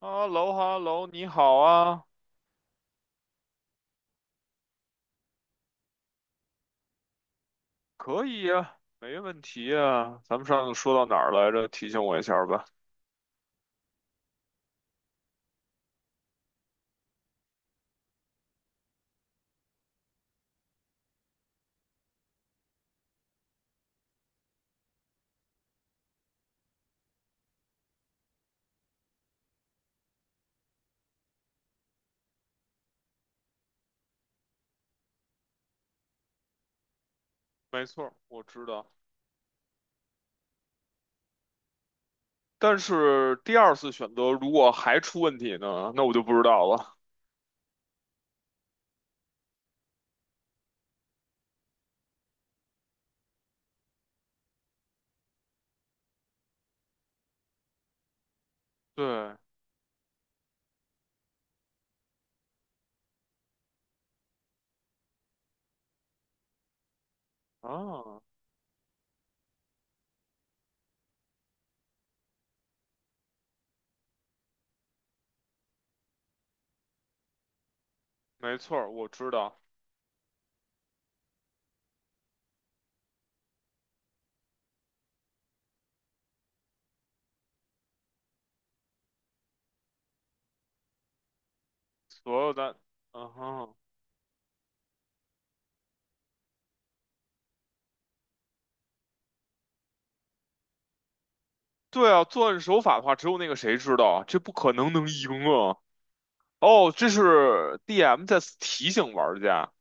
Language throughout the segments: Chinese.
哈喽哈喽，你好啊，可以呀，没问题呀。咱们上次说到哪儿来着？提醒我一下儿吧。没错儿，我知道。但是第二次选择如果还出问题呢，那我就不知道了。对啊，没错儿，我知道。所有的，嗯哼，对啊，作案手法的话，只有那个谁知道啊，这不可能能赢啊。哦，这是 DM 在提醒玩家。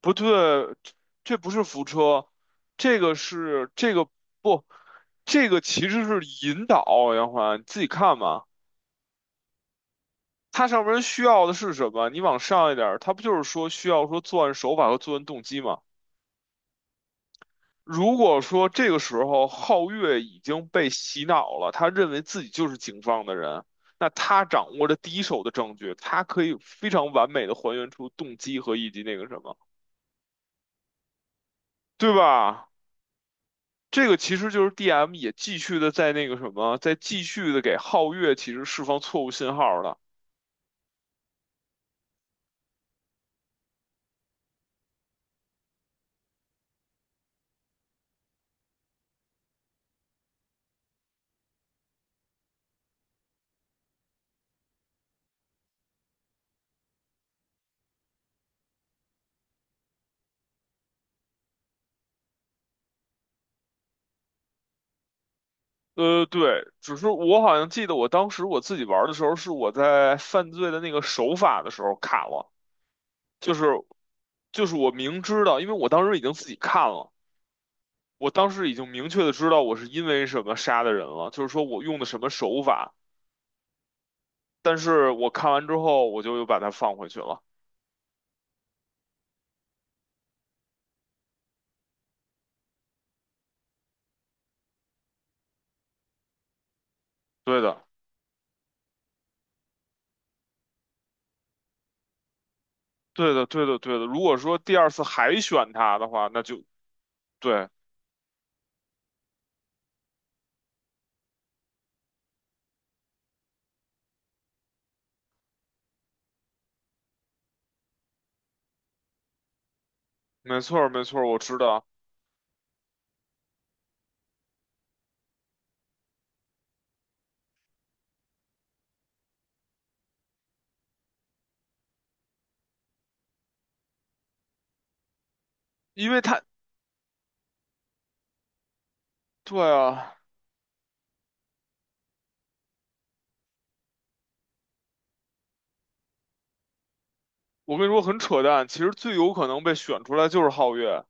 不对，这不是扶车，这个是这个不，这个其实是引导，杨环你自己看嘛。它上面需要的是什么？你往上一点儿，它不就是说需要说作案手法和作案动机吗？如果说这个时候皓月已经被洗脑了，他认为自己就是警方的人，那他掌握着第一手的证据，他可以非常完美的还原出动机和以及那个什么，对吧？这个其实就是 DM 也继续的在那个什么，在继续的给皓月其实释放错误信号了。对，只是我好像记得我当时我自己玩的时候，是我在犯罪的那个手法的时候卡了，就是就是我明知道，因为我当时已经自己看了，我当时已经明确的知道我是因为什么杀的人了，就是说我用的什么手法，但是我看完之后我就又把它放回去了。对的，对的，对的，对的。如果说第二次还选他的话，那就对。没错儿，没错儿，我知道，因为他，对啊，我跟你说很扯淡，其实最有可能被选出来就是皓月，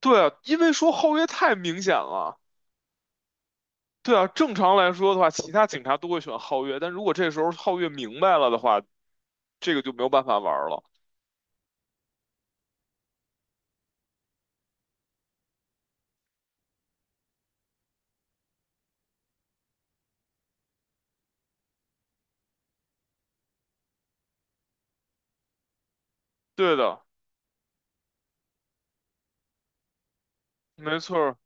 对啊，因为说皓月太明显了，对啊，正常来说的话，其他警察都会选皓月，但如果这时候皓月明白了的话，这个就没有办法玩儿了，对的，没错儿，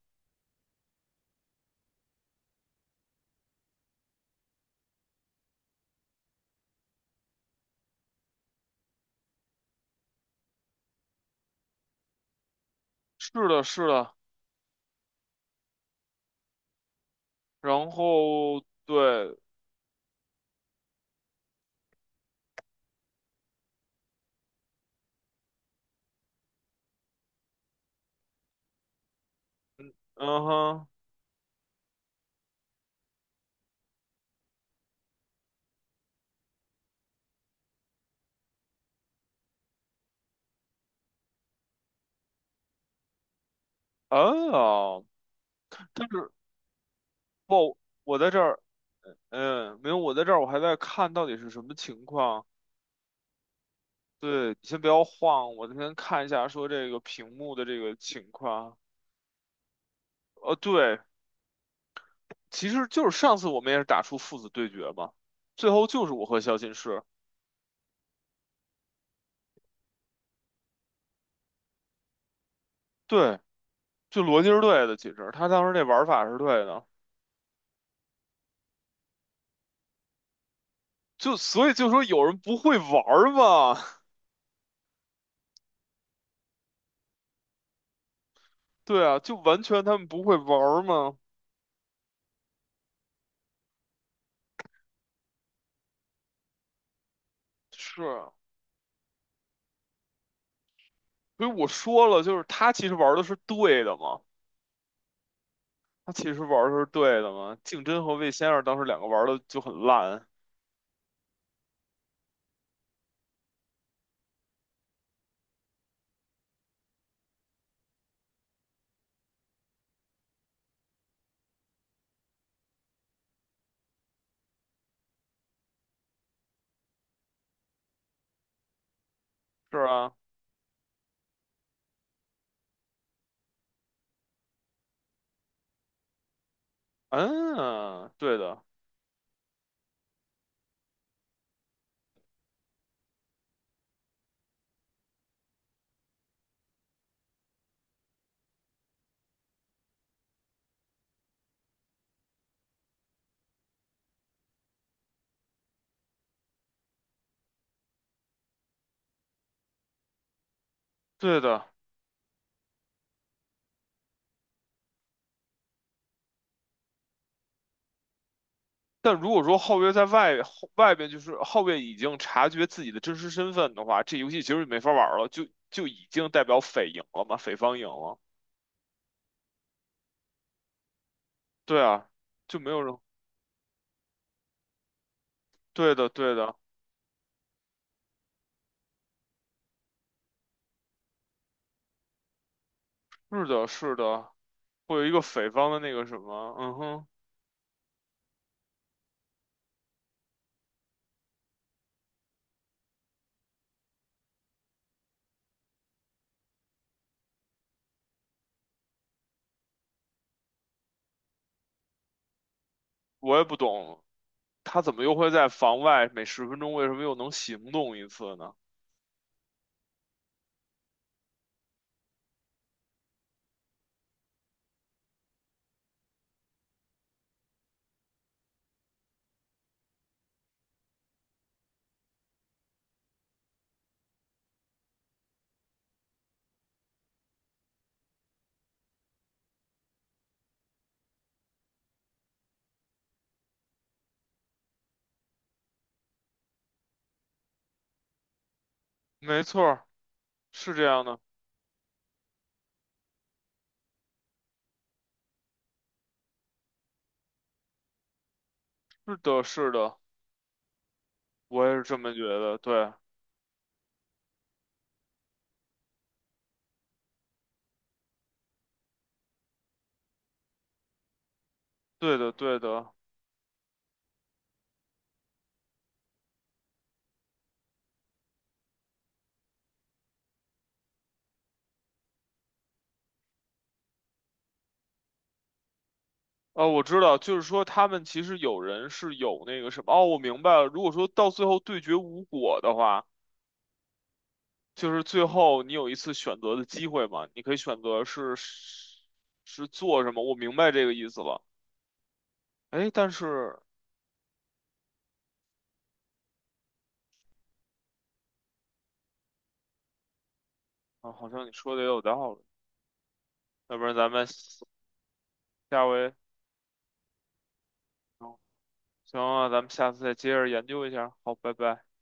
是的，是的，然后对，嗯哼，啊，但是不，我在这儿，没有，我在这儿，我还在看到底是什么情况。对，你先不要晃，我先看一下说这个屏幕的这个情况。对，其实就是上次我们也是打出父子对决嘛，最后就是我和肖金士，对，就逻辑是对的，其实他当时那玩法是对的，就所以就说有人不会玩儿嘛，对啊，就完全他们不会玩儿嘛，是，所以我说了，就是他其实玩儿的是对的嘛，他其实玩儿的是对的嘛，竞争和魏先生当时两个玩儿的就很烂，是啊。嗯，对的，对的。但如果说后卫在外后外边，就是后卫已经察觉自己的真实身份的话，这游戏其实就没法玩了，就已经代表匪赢了嘛，匪方赢了。对啊，就没有人。对的，对的，是的，是的，会有一个匪方的那个什么，嗯哼，我也不懂，他怎么又会在房外每十分钟为什么又能行动一次呢？没错儿是这样的，是的，是的，我也是这么觉得，对，对的，对的。我知道，就是说他们其实有人是有那个什么，哦，我明白了。如果说到最后对决无果的话，就是最后你有一次选择的机会嘛，你可以选择是做什么，我明白这个意思了。哎，但是啊，好像你说的也有道理，要不然咱们下回，行啊，咱们下次再接着研究一下。好，拜拜。